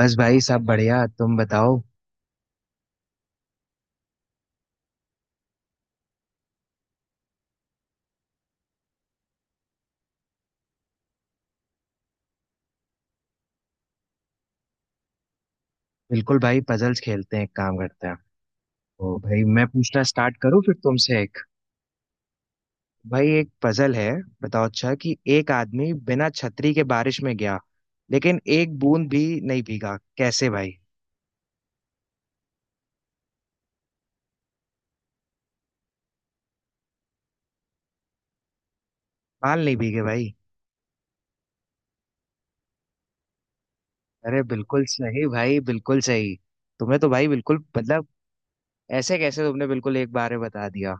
बस भाई सब बढ़िया। तुम बताओ। बिल्कुल भाई पजल्स खेलते हैं, एक काम करते हैं। ओ भाई मैं पूछना स्टार्ट करूं, फिर तुमसे एक। भाई एक पजल है। बताओ अच्छा कि एक आदमी बिना छतरी के बारिश में गया लेकिन एक बूंद भी नहीं भीगा, कैसे भाई? बाल नहीं भीगे भाई? अरे बिल्कुल सही भाई, बिल्कुल सही। तुम्हें तो भाई बिल्कुल मतलब, ऐसे कैसे तुमने बिल्कुल एक बार में बता दिया?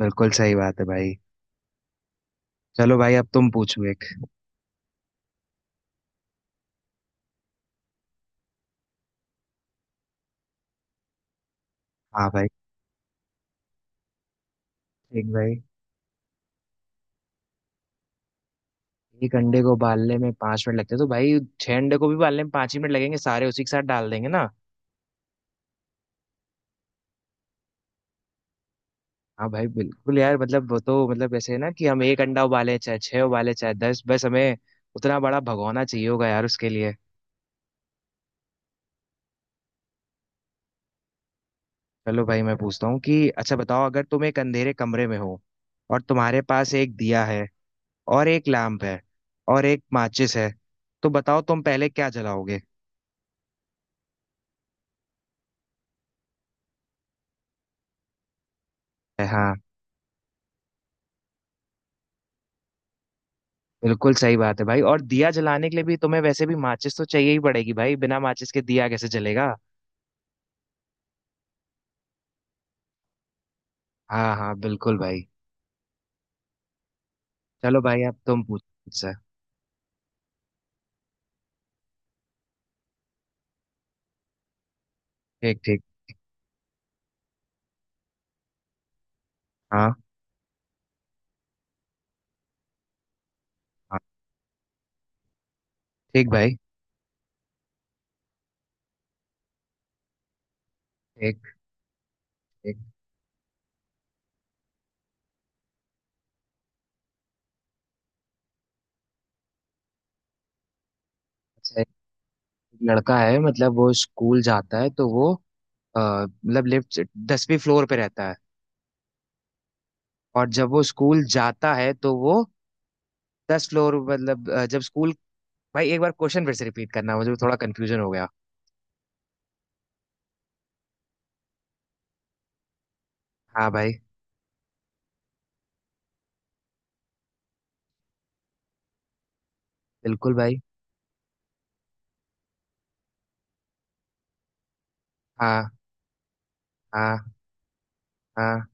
बिल्कुल सही बात है भाई। चलो भाई अब तुम पूछो एक। हाँ भाई। ठीक भाई। एक अंडे को उबालने में 5 मिनट लगते हैं तो भाई छह अंडे को भी उबालने में पांच ही मिनट लगेंगे, सारे उसी के साथ डाल देंगे ना। हाँ भाई बिल्कुल यार, मतलब वो तो मतलब ऐसे है ना कि हम एक अंडा उबाले चाहे छह उबाले चाहे दस, बस हमें उतना बड़ा भगोना चाहिए होगा यार उसके लिए। चलो भाई मैं पूछता हूँ कि अच्छा बताओ, अगर तुम एक अंधेरे कमरे में हो और तुम्हारे पास एक दिया है और एक लैम्प है और एक माचिस है तो बताओ तुम पहले क्या जलाओगे? हाँ। बिल्कुल सही बात है भाई, और दिया जलाने के लिए भी तुम्हें वैसे भी माचिस तो चाहिए ही पड़ेगी भाई, बिना माचिस के दिया कैसे जलेगा? हाँ हाँ बिल्कुल भाई। चलो भाई अब तुम पूछो मुझसे। ठीक ठीक। हाँ। हाँ। ठीक भाई। ठीक ठीक। अच्छा एक लड़का है, मतलब वो स्कूल जाता है तो वो अ, मतलब लिफ्ट, 10वीं फ्लोर पे रहता है और जब वो स्कूल जाता है तो वो दस फ्लोर, मतलब जब स्कूल, भाई एक बार क्वेश्चन फिर से रिपीट करना, मुझे थोड़ा कंफ्यूजन हो गया। हाँ भाई। बिल्कुल भाई। हाँ। हाँ। हाँ।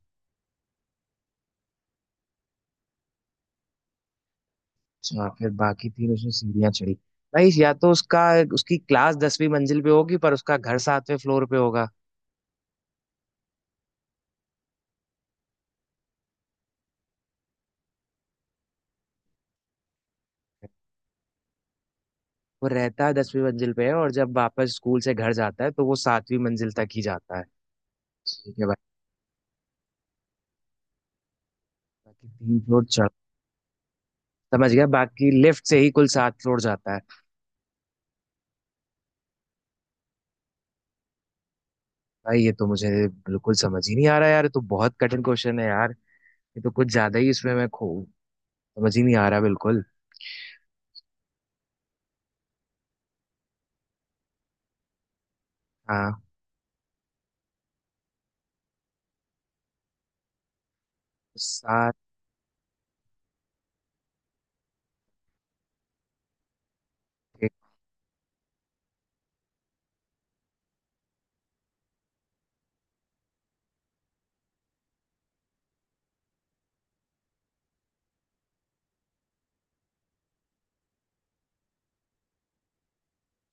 अच्छा फिर बाकी तीन उसने सीढ़ियां चढ़ी। भाई या तो उसका, उसकी क्लास 10वीं मंजिल पे होगी पर उसका घर 7वें फ्लोर पे होगा। वो रहता है, 10वीं मंजिल पे है, और जब वापस स्कूल से घर जाता है तो वो 7वीं मंजिल तक ही जाता है। ठीक है भाई। बाकी 3 फ्लोर चढ़। समझ गया, बाकी लिफ्ट से ही कुल 7 फ्लोर जाता है। भाई ये तो मुझे बिल्कुल समझ ही नहीं आ रहा यार, ये तो बहुत कठिन क्वेश्चन है यार। ये तो कुछ ज्यादा ही इसमें मैं खो, समझ ही नहीं आ रहा बिल्कुल। हाँ। सात। एक,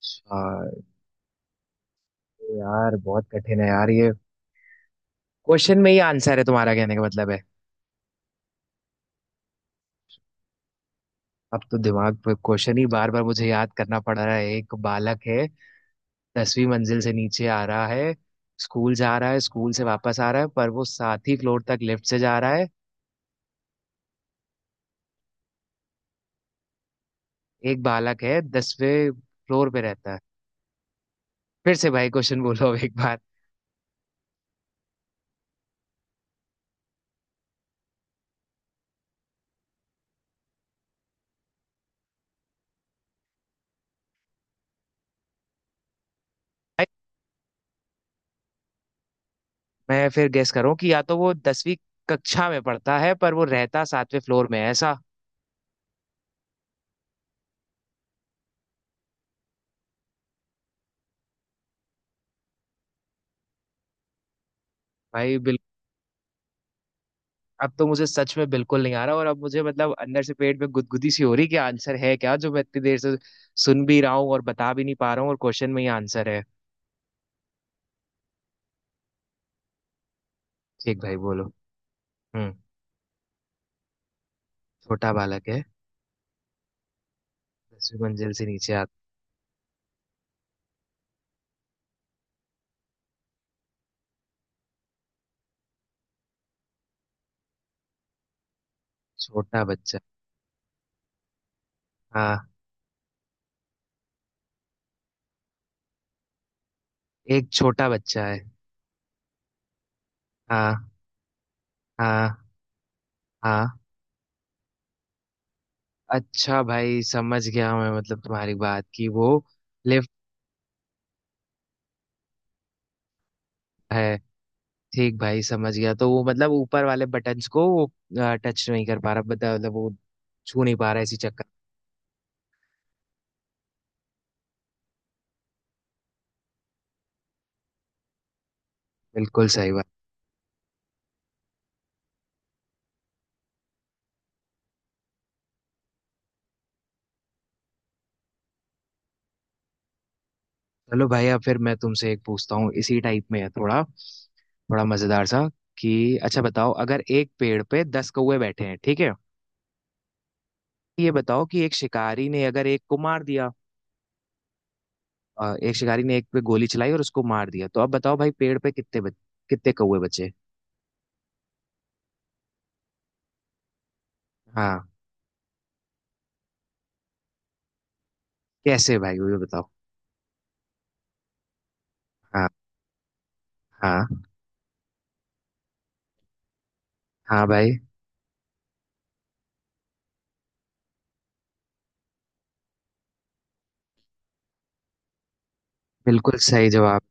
चार। यार बहुत कठिन है यार ये, क्वेश्चन में ही आंसर है तुम्हारा कहने का मतलब है। अब तो दिमाग पे क्वेश्चन ही बार बार मुझे याद करना पड़ रहा है, एक बालक है, 10वीं मंजिल से नीचे आ रहा है, स्कूल जा रहा है, स्कूल से वापस आ रहा है, पर वो सात ही फ्लोर तक लिफ्ट से जा रहा है। एक बालक है, 10वें फ्लोर पे रहता है। फिर से भाई क्वेश्चन बोलो अब एक बार। भाई, मैं फिर गेस करूं कि या तो वो 10वीं कक्षा में पढ़ता है पर वो रहता 7वें फ्लोर में है, ऐसा? भाई अब तो मुझे सच में बिल्कुल नहीं आ रहा, और अब मुझे मतलब अंदर से पेट में गुदगुदी सी हो रही कि आंसर है क्या, जो मैं इतनी देर से सुन भी रहा हूँ और बता भी नहीं पा रहा हूँ, और क्वेश्चन में ही आंसर है। ठीक भाई, बोलो। हम्म। छोटा बालक है। 10वीं मंजिल से नीचे आता। छोटा बच्चा। हाँ। एक छोटा बच्चा है। हाँ। हाँ। हाँ। अच्छा भाई समझ गया मैं, मतलब तुम्हारी बात, कि वो लिफ्ट है, ठीक भाई समझ गया, तो वो मतलब ऊपर वाले बटन्स को वो टच नहीं कर पा रहा, मतलब वो छू नहीं पा रहा इसी चक्कर। बिल्कुल सही बात। चलो भैया, फिर मैं तुमसे एक पूछता हूँ, इसी टाइप में है, थोड़ा थोड़ा मजेदार सा, कि अच्छा बताओ, अगर एक पेड़ पे दस कौवे बैठे हैं, ठीक है? ये बताओ कि एक शिकारी ने अगर एक को मार दिया, एक शिकारी ने एक पे गोली चलाई और उसको मार दिया तो अब बताओ भाई पेड़ पे कितने कितने कौवे बचे? हाँ। कैसे भाई, वो भी बताओ। हाँ। हाँ। हाँ भाई। बिल्कुल सही जवाब।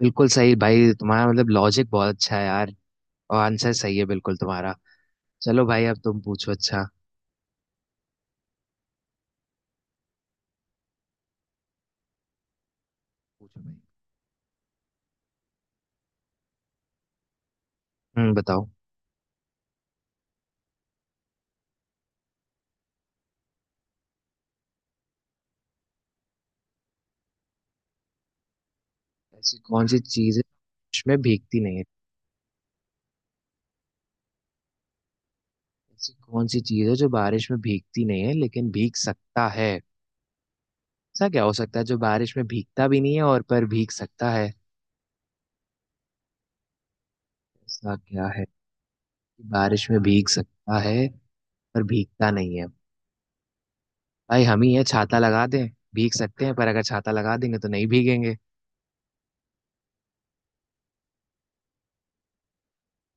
बिल्कुल सही भाई, तुम्हारा मतलब लॉजिक बहुत अच्छा है यार, और आंसर सही है बिल्कुल तुम्हारा। चलो भाई अब तुम पूछो अच्छा। पूछो भाई। हम्म, बताओ। ऐसी कौन सी चीज है बारिश में भीगती नहीं है? ऐसी कौन सी चीज है जो बारिश में भीगती नहीं है लेकिन भीग सकता है? ऐसा क्या हो सकता है जो बारिश में भीगता भी नहीं है और पर भीग सकता है? ऐसा क्या है कि बारिश में भीग सकता है पर भीगता नहीं है? भाई हम ही है, छाता लगा दें, भीग सकते हैं पर अगर छाता लगा देंगे तो नहीं भीगेंगे।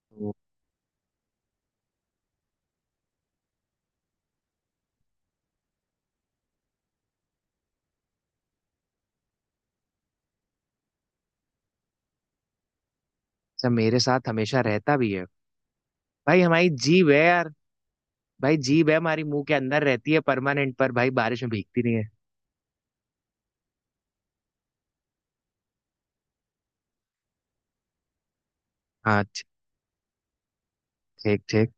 तो सब मेरे साथ हमेशा रहता भी है। भाई हमारी जीभ है यार। भाई जीभ है हमारी, मुंह के अंदर रहती है परमानेंट, पर भाई बारिश में भीगती नहीं है। हाँ ठीक। ठीक ठीक।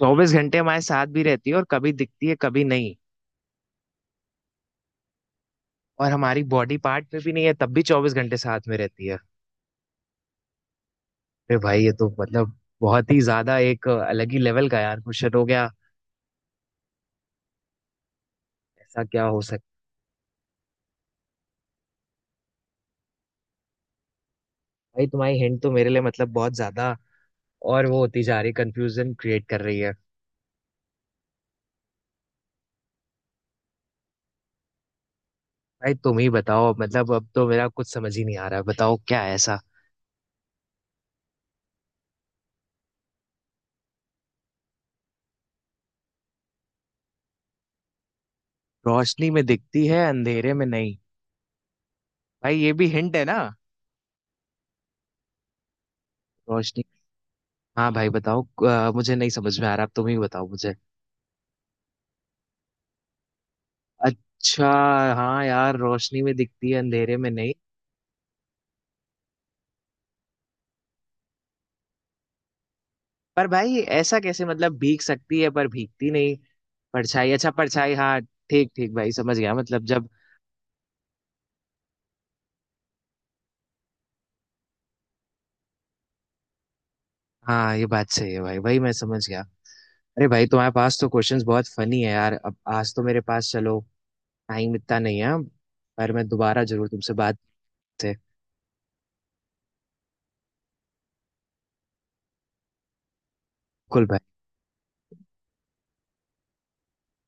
24 घंटे हमारे साथ भी रहती है और कभी दिखती है कभी नहीं, और हमारी बॉडी पार्ट में भी नहीं है तब भी 24 घंटे साथ में रहती है। अरे भाई ये तो मतलब बहुत ही ज्यादा एक अलग ही लेवल का यार क्वेश्चन हो गया। ऐसा क्या हो सकता है? भाई तुम्हारी हिंट तो मेरे लिए मतलब बहुत ज्यादा, और वो होती जा रही, कंफ्यूजन क्रिएट कर रही है। भाई तुम ही बताओ, मतलब अब तो मेरा कुछ समझ ही नहीं आ रहा है, बताओ क्या है ऐसा। रोशनी में दिखती है अंधेरे में नहीं, भाई ये भी हिंट है ना? रोशनी। हाँ भाई बताओ। मुझे नहीं समझ में आ रहा, अब तुम ही बताओ मुझे। अच्छा। हाँ यार रोशनी में दिखती है अंधेरे में नहीं। पर भाई ऐसा कैसे, मतलब भीग सकती है पर भीगती नहीं? परछाई, अच्छा परछाई, हाँ ठीक ठीक भाई समझ गया मतलब जब। हाँ ये बात सही है भाई, भाई मैं समझ गया। अरे भाई तुम्हारे पास तो क्वेश्चंस बहुत फनी है यार, अब आज तो मेरे पास चलो, टाइम इतना नहीं है, पर मैं दोबारा जरूर तुमसे बात से। बिल्कुल भाई।